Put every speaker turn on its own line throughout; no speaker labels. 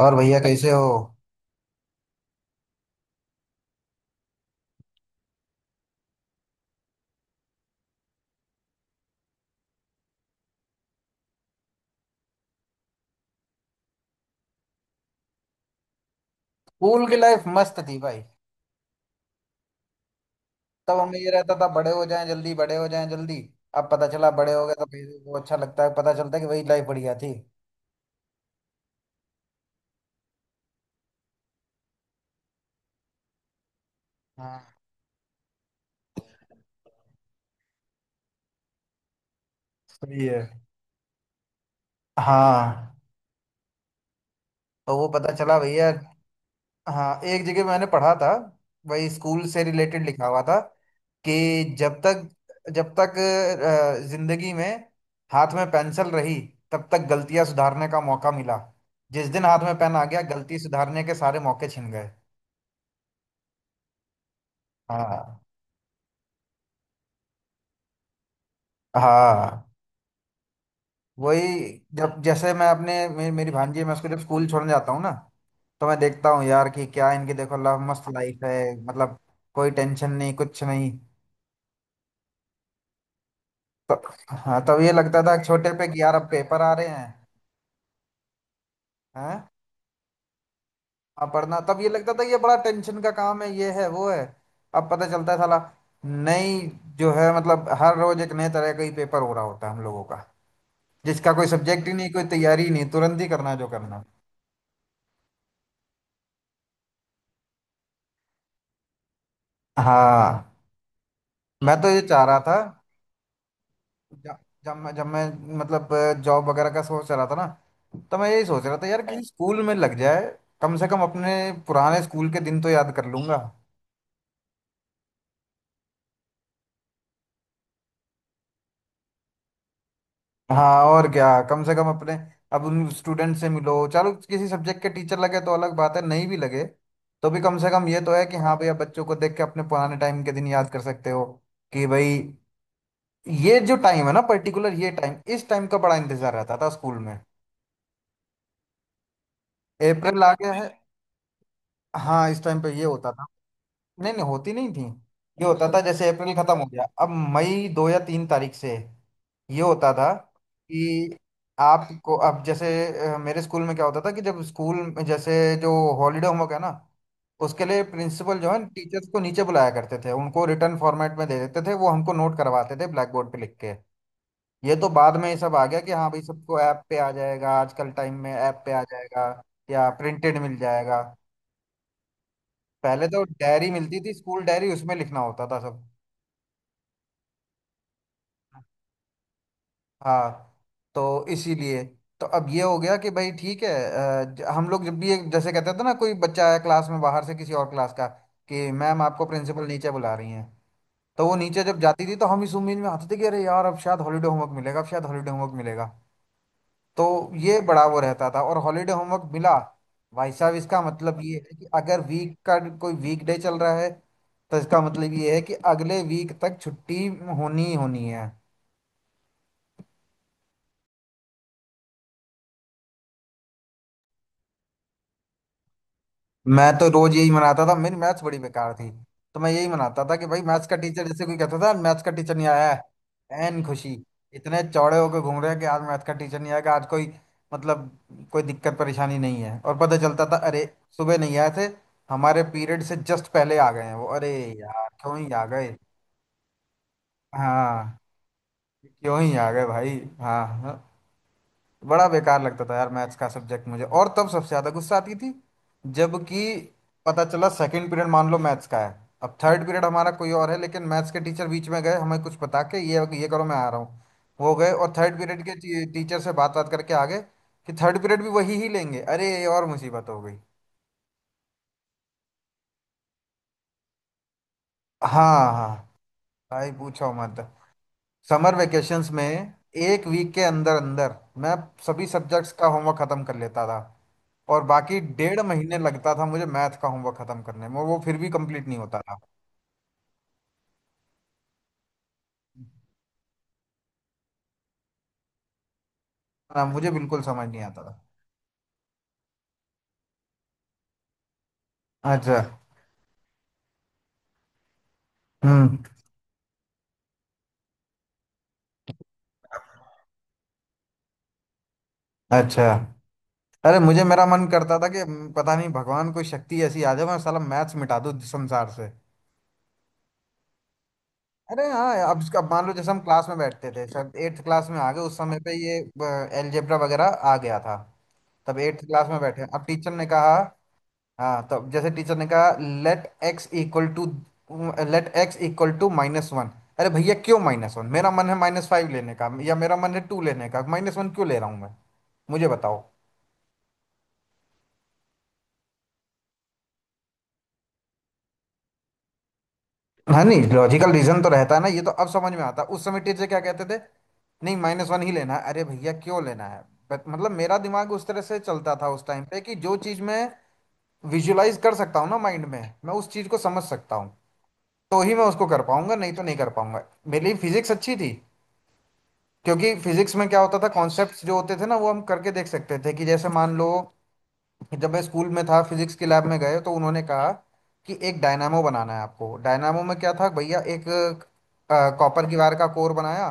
और भैया कैसे हो? स्कूल की लाइफ मस्त थी भाई। तब हमें ये रहता था बड़े हो जाएं जल्दी बड़े हो जाएं जल्दी। अब पता चला बड़े हो गए तो फिर वो अच्छा लगता है, पता चलता है कि वही लाइफ बढ़िया थी। हाँ सही है। हाँ। तो वो पता चला भैया। हाँ एक जगह मैंने पढ़ा था, वही स्कूल से रिलेटेड लिखा हुआ था कि जब तक जिंदगी में हाथ में पेंसिल रही तब तक गलतियां सुधारने का मौका मिला। जिस दिन हाथ में पेन आ गया गलती सुधारने के सारे मौके छिन गए। हाँ हाँ। वही। जब जैसे मैं मेरी भांजी है मैं उसको जब स्कूल छोड़ने जाता हूँ ना, तो मैं देखता हूँ यार कि क्या इनकी देखो मस्त लाइफ है मतलब। कोई टेंशन नहीं कुछ नहीं। तो हाँ तब ये लगता था छोटे पे कि यार अब पेपर आ रहे हैं। हैं। अब पढ़ना तब ये लगता था ये बड़ा टेंशन का काम है, ये है वो है। अब पता चलता है साला नई, जो है मतलब हर रोज एक नए तरह का ही पेपर हो रहा होता है हम लोगों का, जिसका कोई सब्जेक्ट ही नहीं कोई तैयारी ही नहीं, तुरंत ही करना है जो करना है। हाँ। मैं तो ये चाह रहा था। ज- जब मैं मतलब जॉब वगैरह का सोच रहा था ना, तो मैं यही सोच रहा था यार किसी स्कूल में लग जाए, कम से कम अपने पुराने स्कूल के दिन तो याद कर लूंगा। हाँ और क्या, कम से कम अपने, अब उन स्टूडेंट से मिलो, चलो किसी सब्जेक्ट के टीचर लगे तो अलग बात है, नहीं भी लगे तो भी कम से कम ये तो है कि हाँ भैया बच्चों को देख के अपने पुराने टाइम के दिन याद कर सकते हो। कि भाई ये जो टाइम है ना पर्टिकुलर, ये टाइम, इस टाइम का बड़ा इंतजार रहता था स्कूल में। अप्रैल आ गया है। हाँ इस टाइम पे ये होता था। नहीं नहीं होती नहीं थी। ये होता था जैसे अप्रैल खत्म हो गया, अब मई दो या तीन तारीख से ये होता था कि आपको अब जैसे मेरे स्कूल में क्या होता था कि जब स्कूल में जैसे जो हॉलीडे होमवर्क है ना, उसके लिए प्रिंसिपल जो है टीचर्स को नीचे बुलाया करते थे, उनको रिटर्न फॉर्मेट में दे देते थे, वो हमको नोट करवाते थे ब्लैक बोर्ड पे लिख के। ये तो बाद में ये सब आ गया कि हाँ भाई सबको ऐप पे आ जाएगा, आजकल टाइम में ऐप पे आ जाएगा या प्रिंटेड मिल जाएगा। पहले तो डायरी मिलती थी, स्कूल डायरी, उसमें लिखना होता था सब। हाँ तो इसीलिए, तो अब ये हो गया कि भाई ठीक है हम लोग जब भी, एक जैसे कहते थे ना कोई बच्चा आया क्लास में बाहर से किसी और क्लास का कि मैम आपको प्रिंसिपल नीचे बुला रही हैं, तो वो नीचे जब जाती थी तो हम इस उम्मीद में आते थे कि अरे यार अब शायद हॉलीडे होमवर्क मिलेगा, अब शायद हॉलीडे होमवर्क मिलेगा। तो ये बड़ा वो रहता था। और हॉलीडे होमवर्क मिला भाई साहब, इसका मतलब ये है कि अगर वीक का कोई वीकडे चल रहा है तो इसका मतलब ये है कि अगले वीक तक छुट्टी होनी ही होनी है। मैं तो रोज यही मनाता था, मेरी मैथ्स बड़ी बेकार थी, तो मैं यही मनाता था कि भाई मैथ्स का टीचर, जैसे कोई कहता था मैथ्स का टीचर नहीं आया है, एन खुशी, इतने चौड़े होकर घूम रहे हैं कि आज मैथ्स का टीचर नहीं आएगा, आज कोई मतलब कोई दिक्कत परेशानी नहीं है। और पता चलता था, अरे सुबह नहीं आए थे, हमारे पीरियड से जस्ट पहले आ गए हैं वो, अरे यार क्यों ही आ गए। हाँ, क्यों ही आ गए भाई। हाँ हाँ। बड़ा बेकार लगता था यार मैथ्स का सब्जेक्ट मुझे, और तब सबसे ज्यादा गुस्सा आती थी जबकि पता चला सेकंड पीरियड मान लो मैथ्स का है, अब थर्ड पीरियड हमारा कोई और है, लेकिन मैथ्स के टीचर बीच में गए हमें कुछ बता के, ये करो मैं आ रहा हूँ। वो गए और थर्ड पीरियड के टीचर से बात बात करके आ गए कि थर्ड पीरियड भी वही ही लेंगे, अरे ये और मुसीबत हो गई। हाँ हाँ। भाई पूछो मत। समर वेकेशंस में एक वीक के अंदर अंदर मैं सभी सब्जेक्ट्स का होमवर्क खत्म कर लेता था, और बाकी डेढ़ महीने लगता था मुझे मैथ का होमवर्क खत्म करने में और वो फिर भी कंप्लीट नहीं होता था। हाँ, मुझे बिल्कुल समझ नहीं आता था। अच्छा। हम्म। अच्छा। अरे मुझे मेरा मन करता था कि पता नहीं, भगवान कोई शक्ति ऐसी आ जाए मैं साला मैथ्स मिटा दूं संसार से। अरे हाँ, अब मान लो जैसे हम क्लास में बैठते थे, शायद एट्थ क्लास में आ गए उस समय पे, ये एलजेब्रा वगैरह आ गया था। तब एट्थ क्लास में बैठे, अब टीचर ने कहा, हाँ तो जैसे टीचर ने कहा, let x equal to let x equal to minus one. अरे भैया क्यों माइनस वन? मेरा मन है माइनस फाइव लेने का, या मेरा मन है टू लेने का, माइनस वन क्यों ले रहा हूँ मैं, मुझे बताओ। हाँ नहीं लॉजिकल रीजन तो रहता है ना, ये तो अब समझ में आता है, उस समय टीचर क्या कहते थे, नहीं माइनस वन ही लेना है, अरे भैया क्यों लेना है। बट मतलब मेरा दिमाग उस तरह से चलता था उस टाइम पे, कि जो चीज़ मैं विजुलाइज कर सकता हूँ ना माइंड में, मैं उस चीज़ को समझ सकता हूँ तो ही मैं उसको कर पाऊंगा, नहीं तो नहीं कर पाऊंगा। मेरे लिए फिजिक्स अच्छी थी क्योंकि फिजिक्स में क्या होता था, कॉन्सेप्ट्स जो होते थे ना वो हम करके देख सकते थे, कि जैसे मान लो जब मैं स्कूल में था, फिजिक्स के लैब में गए तो उन्होंने कहा कि एक डायनामो बनाना है आपको। डायनामो में क्या था भैया, एक कॉपर की वायर का कोर बनाया,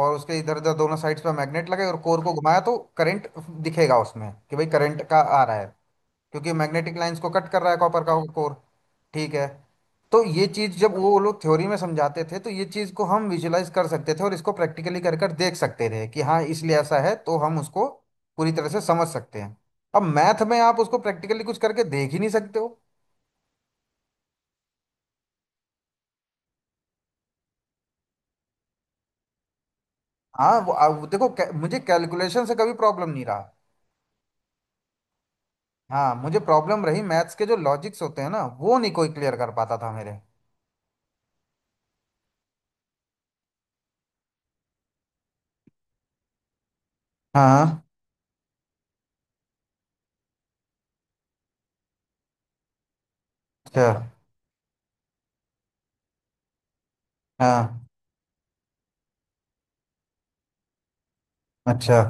और उसके इधर उधर दोनों साइड्स पर मैग्नेट लगे, और कोर को घुमाया तो करंट दिखेगा उसमें कि भाई करंट का आ रहा है, क्योंकि मैग्नेटिक लाइंस को कट कर रहा है कॉपर का कोर। ठीक है। तो ये चीज़ जब वो लोग थ्योरी में समझाते थे तो ये चीज़ को हम विजुलाइज कर सकते थे और इसको प्रैक्टिकली कर कर देख सकते थे कि हाँ इसलिए ऐसा है, तो हम उसको पूरी तरह से समझ सकते हैं। अब मैथ में आप उसको प्रैक्टिकली कुछ करके देख ही नहीं सकते हो। हाँ वो देखो मुझे कैलकुलेशन से कभी प्रॉब्लम नहीं रहा। हाँ मुझे प्रॉब्लम रही, मैथ्स के जो लॉजिक्स होते हैं ना वो नहीं कोई क्लियर कर पाता था मेरे। हाँ। अच्छा। हाँ। अच्छा।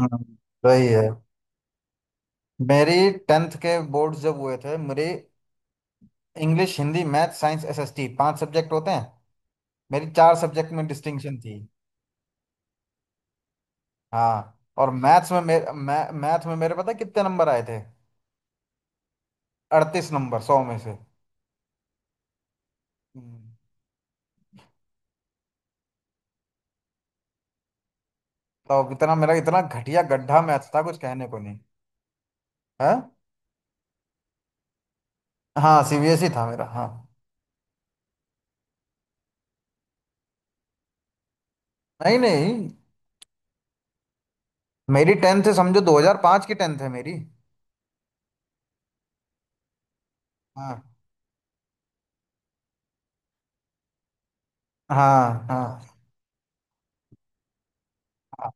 हम्म, सही है। मेरी टेंथ के बोर्ड जब हुए थे, मेरी English Hindi math science SST पांच सब्जेक्ट होते हैं, मेरी चार सब्जेक्ट में डिस्टिंक्शन थी। हाँ और मैथ्स में मेरे, मैं मैथ में मेरे पता है कितने नंबर आए थे? अड़तीस नंबर सौ में से। हम्म। तो इतना, मेरा इतना घटिया गड्ढा मैथ था कुछ कहने को नहीं है। हाँ सीबीएसई था मेरा। हाँ नहीं नहीं, मेरी टेंथ है समझो 2005 की टेंथ है मेरी। हाँ हाँ हाँ हाँ।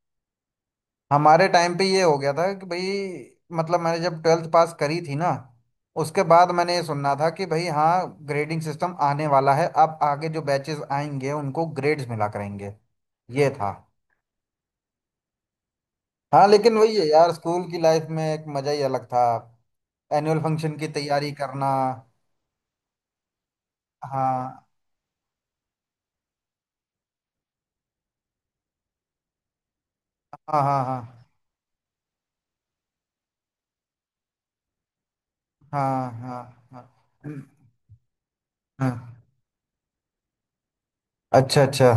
हमारे टाइम पे ये हो गया था कि भाई मतलब मैंने जब ट्वेल्थ पास करी थी ना, उसके बाद मैंने ये सुनना था कि भाई हाँ ग्रेडिंग सिस्टम आने वाला है, अब आगे जो बैचेस आएंगे उनको ग्रेड्स मिला करेंगे। ये था। हाँ लेकिन वही है यार, स्कूल की लाइफ में एक मजा ही अलग था। एनुअल फंक्शन की तैयारी करना। हाँ हाँ हाँ हाँ हाँ हाँ हाँ। हम्म, हाँ। अच्छा अच्छा।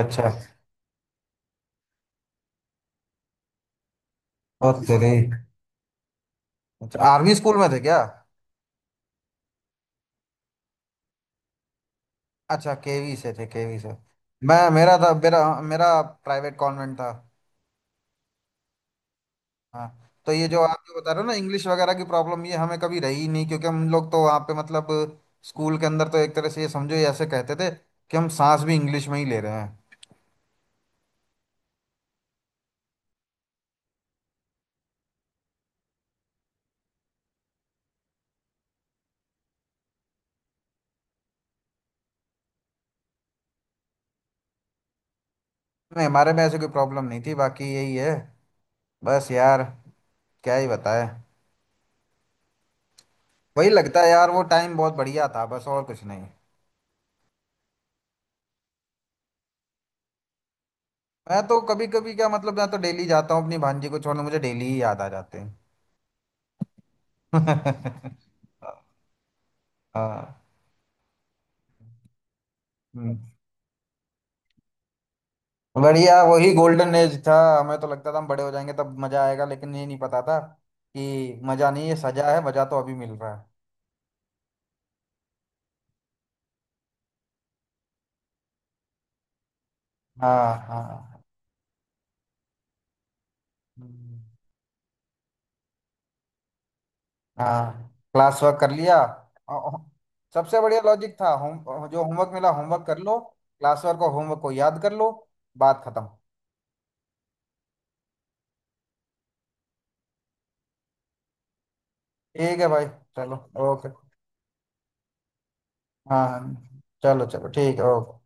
अच्छा। ओ तेरी। अच्छा, आर्मी स्कूल में थे क्या? अच्छा केवी से थे, केवी से। मैं मेरा था मेरा मेरा प्राइवेट कॉन्वेंट था। हाँ तो ये जो आप जो बता रहे हो ना, इंग्लिश वगैरह की प्रॉब्लम, ये हमें कभी रही ही नहीं, क्योंकि हम लोग तो वहाँ पे मतलब स्कूल के अंदर तो एक तरह से ये समझो, ये ऐसे कहते थे कि हम सांस भी इंग्लिश में ही ले रहे हैं। नहीं हमारे में ऐसे कोई प्रॉब्लम नहीं थी, बाकी यही है। बस यार क्या ही बताए वही लगता है यार, वो टाइम बहुत बढ़िया था, बस और कुछ नहीं। मैं तो कभी कभी क्या, मतलब मैं तो डेली जाता हूँ अपनी भांजी को छोड़ने, मुझे डेली ही याद आ जाते हैं। हाँ। हम्म। बढ़िया, वही गोल्डन एज था। हमें तो लगता था हम बड़े हो जाएंगे तब मजा आएगा, लेकिन ये नहीं पता था कि मजा नहीं ये सजा है, मजा तो अभी मिल रहा है। हाँ हाँ। हम्म। हाँ क्लास वर्क कर लिया, सबसे बढ़िया लॉजिक था, होम जो होमवर्क मिला होमवर्क कर लो, क्लास वर्क और होमवर्क को याद कर लो, बात खत्म। ठीक है भाई। चलो। ओके। हाँ हाँ चलो चलो ठीक है ओके।